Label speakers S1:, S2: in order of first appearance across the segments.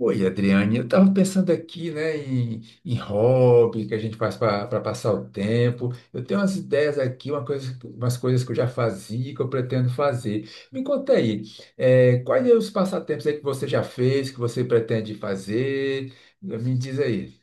S1: Oi, Adriane, eu estava pensando aqui, né, em hobby que a gente faz para passar o tempo. Eu tenho umas ideias aqui, uma coisa, umas coisas que eu já fazia e que eu pretendo fazer. Me conta aí, quais são os passatempos aí que você já fez, que você pretende fazer? Me diz aí.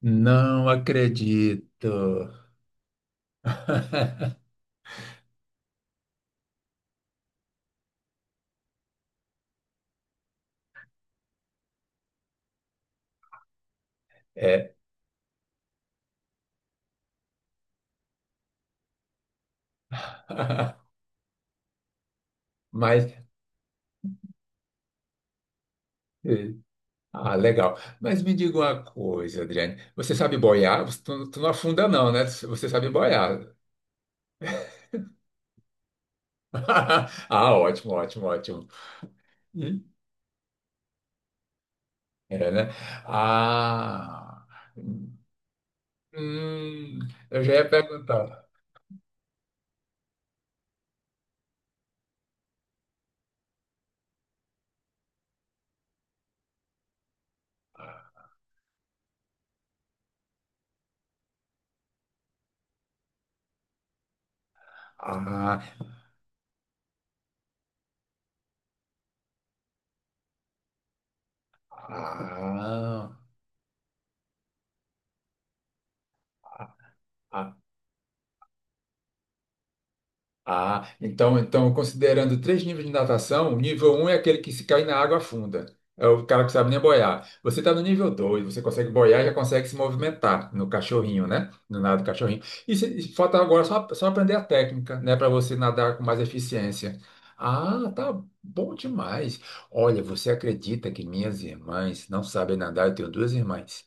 S1: Não acredito. É, mas. eh, Ah, legal. Mas me diga uma coisa, Adriane. Você sabe boiar? Tu não afunda, não, né? Você sabe boiar. Ah, ótimo, ótimo, ótimo. Hum, É, né? Ah, hum, eu já ia perguntar. Ah, ah, ah, ah, então, considerando três níveis de natação, o nível um é aquele que se cai na água afunda. É o cara que sabe nem boiar. Você está no nível 2, você consegue boiar e já consegue se movimentar no cachorrinho, né? No nado do cachorrinho. E, se- e falta agora só, só aprender a técnica, né? Para você nadar com mais eficiência. Ah, tá bom demais. Olha, você acredita que minhas irmãs não sabem nadar? Eu tenho duas irmãs.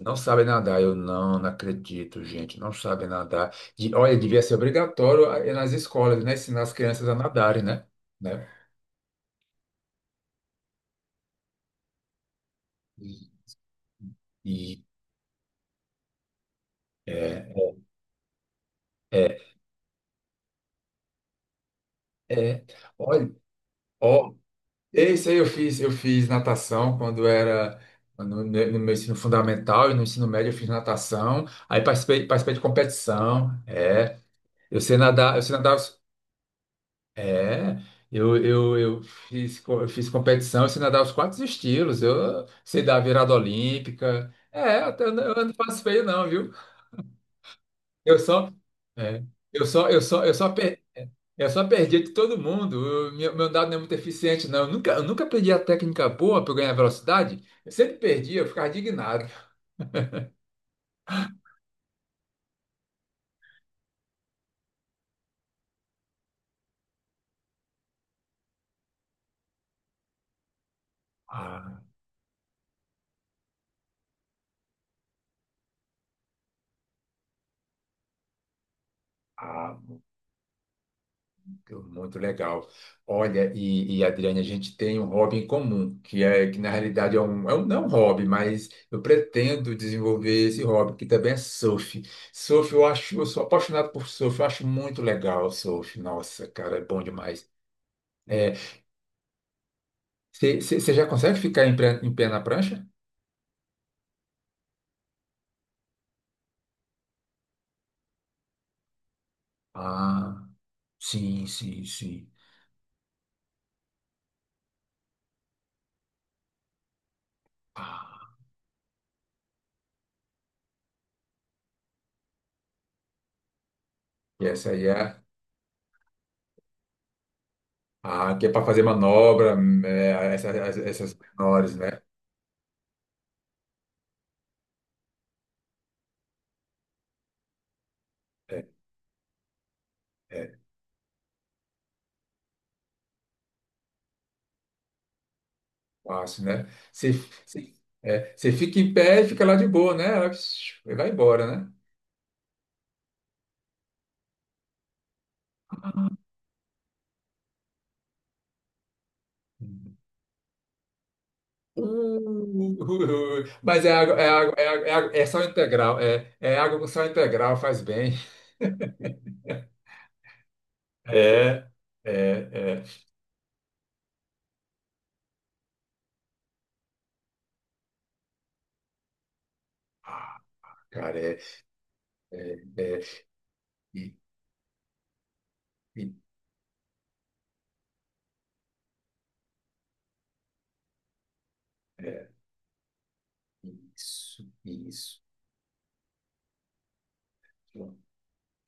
S1: Não sabem nadar, eu não, não acredito, gente, não sabem nadar. Olha, devia ser obrigatório nas escolas, né? Ensinar as crianças a nadarem, né? Né? E, e, É, é, é. Olha, ó, isso aí eu fiz, natação quando era no, no meu ensino fundamental e no ensino médio eu fiz natação, aí participei de competição, é. Eu sei nadar, é, eu fiz competição, eu sei nadar os quatro estilos, eu sei dar virada olímpica. É, até eu, eu não faço feio não, viu? Eu só, é, eu só, per, eu só perdi de todo mundo. Meu dado não é muito eficiente, não. Eu nunca perdi a técnica boa para ganhar velocidade. Eu sempre perdi, eu ficava indignado. Ah, ah, muito legal. Olha, e Adriane, a gente tem um hobby em comum, que é que na realidade é um não é um hobby, mas eu pretendo desenvolver esse hobby, que também é surf. Surf, eu acho, eu sou apaixonado por surf, eu acho muito legal o surf. Nossa, cara, é bom demais. Você já consegue ficar em, em pé na prancha? Ah, sim, sim, sim. Ah, e essa aí é, que é para fazer manobra, é, essas menores, né? É, é. Fácil, né? Você, você, você fica em pé e fica lá de boa, né? Ela psiu, e vai embora, né? Uh, Mas é água, é água, é água, é sal integral, é, é água com sal integral, faz bem. É, é, é. Ah, cara, é, é, é, e- e- é, isso, isso.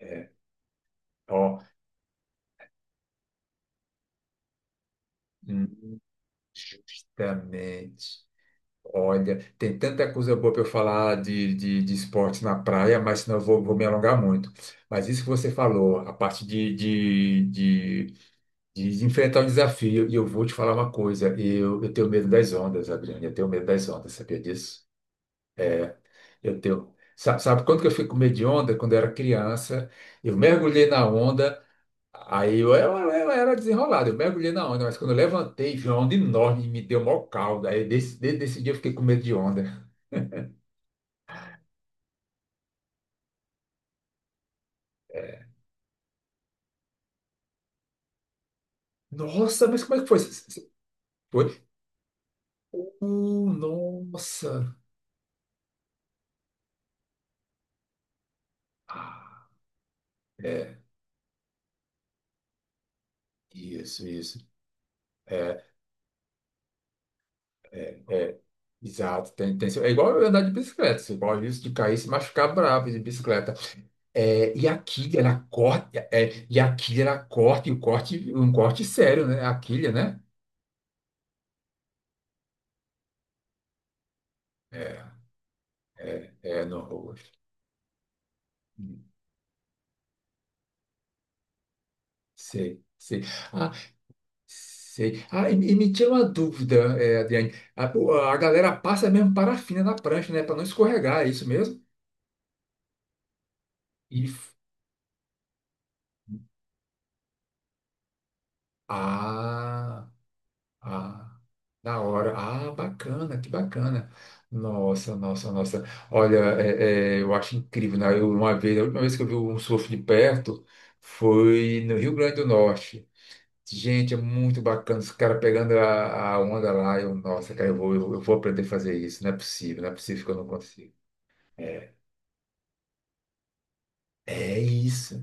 S1: É, ó, hum, justamente. Olha, tem tanta coisa boa para eu falar de esporte na praia, mas senão eu vou, vou me alongar muito. Mas isso que você falou, a parte de enfrentar o desafio, e eu vou te falar uma coisa, eu tenho medo das ondas, Adriane, eu tenho medo das ondas, sabia disso? Eu tenho. Sabe, sabe quando que eu fui com medo de onda? Quando eu era criança, eu mergulhei na onda, aí eu era desenrolado, eu mergulhei na onda, mas quando eu levantei, vi uma onda enorme, me deu maior caldo, aí desde esse dia eu fiquei com medo de onda. É, nossa, mas como é que foi? Foi? Nossa. Ah, é, isso, isso. É, é, é, exato. Tem, é igual eu andar de bicicleta. Você corre o risco de cair e se machucar bravo de bicicleta. É, e a quilha, ela corta, é, e a quilha, ela corta, e o corte, um corte sério, né? A quilha, né? É, é, é no rosto. Sei, sei. Ah, sei. Ah, e me tira uma dúvida, é, Adriane. A galera passa mesmo parafina na prancha, né? Para não escorregar, é isso mesmo? E, f- ah, ah, da hora. Ah, bacana, que bacana. Nossa, nossa, nossa. Olha, é, é, eu acho incrível, né? Eu, uma vez, a última vez que eu vi um surf de perto foi no Rio Grande do Norte. Gente, é muito bacana. Os caras pegando a onda lá. Eu, nossa, cara, eu vou aprender a fazer isso. Não é possível, não é possível que eu não consiga. É. É isso.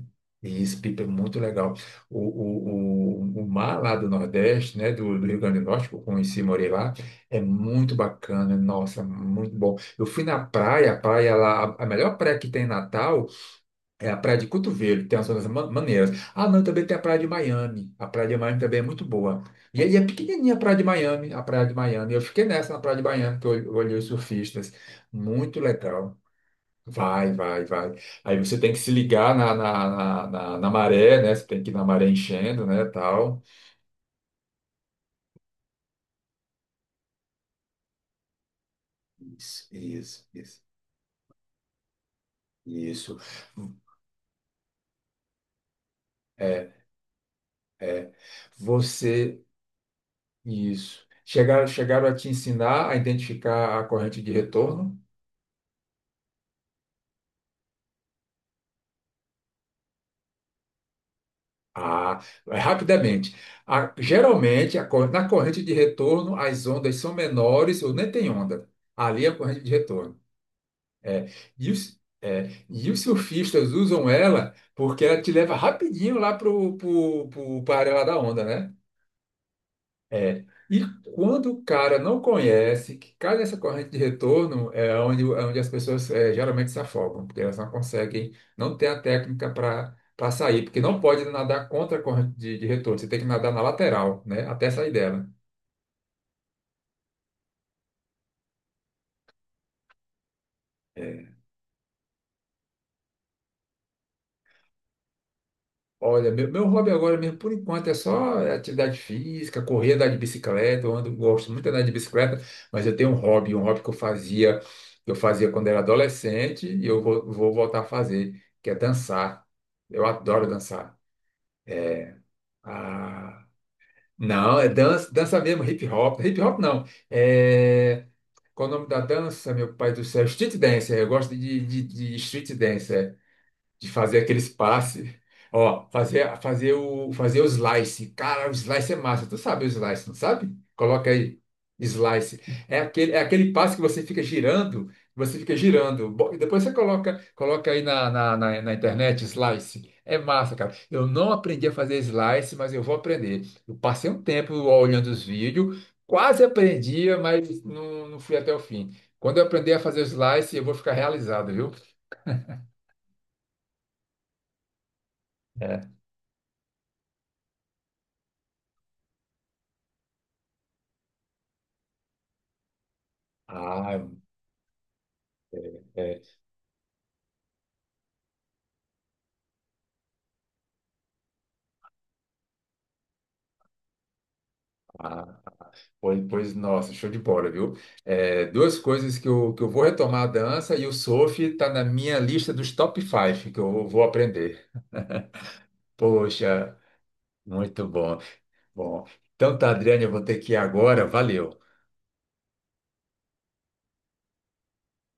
S1: É isso, Pipa, é muito legal. O mar lá do Nordeste, né, do Rio Grande do Norte, que eu conheci, morei lá, é muito bacana, nossa, muito bom. Eu fui na praia, a praia lá, a melhor praia que tem em Natal é a Praia de Cotovelo, tem as zonas maneiras. Ah, não, também tem a Praia de Miami, a Praia de Miami também é muito boa. E aí é pequenininha a Praia de Miami, a Praia de Miami. Eu fiquei nessa na Praia de Miami, que eu olhei os surfistas, muito legal. Vai, vai, vai. Aí você tem que se ligar na maré, né? Você tem que ir na maré enchendo, né? Tal. Isso, isso, isso. Isso. É, é. Você. Isso. Chegaram a te ensinar a identificar a corrente de retorno? Ah, é rapidamente. Geralmente, na corrente de retorno, as ondas são menores ou nem tem onda. Ali é a corrente de retorno. É, e os surfistas usam ela porque ela te leva rapidinho lá pra área lá da onda, né? É. E quando o cara não conhece, que cai nessa corrente de retorno, é onde as pessoas é, geralmente se afogam, porque elas não conseguem, não tem a técnica para sair, porque não pode nadar contra a corrente de retorno, você tem que nadar na lateral, né? Até sair dela. É, olha, meu hobby agora mesmo, por enquanto, é só atividade física, correr, andar de bicicleta. Eu ando, gosto muito de andar de bicicleta, mas eu tenho um hobby que eu fazia quando era adolescente e eu vou voltar a fazer, que é dançar. Eu adoro dançar. É, ah, não, é dança, dança mesmo, hip hop. Hip hop não. É, qual é o nome da dança, meu pai do céu? Street dance. Eu gosto de street dance de fazer aqueles passes. Ó, fazer, fazer o, fazer o slice. Cara, o slice é massa. Tu sabe o slice, não sabe? Coloca aí. Slice. É aquele passe que você fica girando, você fica girando. E depois você coloca, coloca aí na internet, slice. É massa, cara. Eu não aprendi a fazer slice, mas eu vou aprender. Eu passei um tempo olhando os vídeos, quase aprendia, mas não, não fui até o fim. Quando eu aprender a fazer o slice, eu vou ficar realizado, viu? É. Ah, é. Ah, pois, pois, nossa, show de bola, viu? É, duas coisas que eu vou retomar a dança e o surf está na minha lista dos top 5 que eu vou aprender. Poxa, muito bom. Bom, então tá, Adriane, eu vou ter que ir agora. Valeu.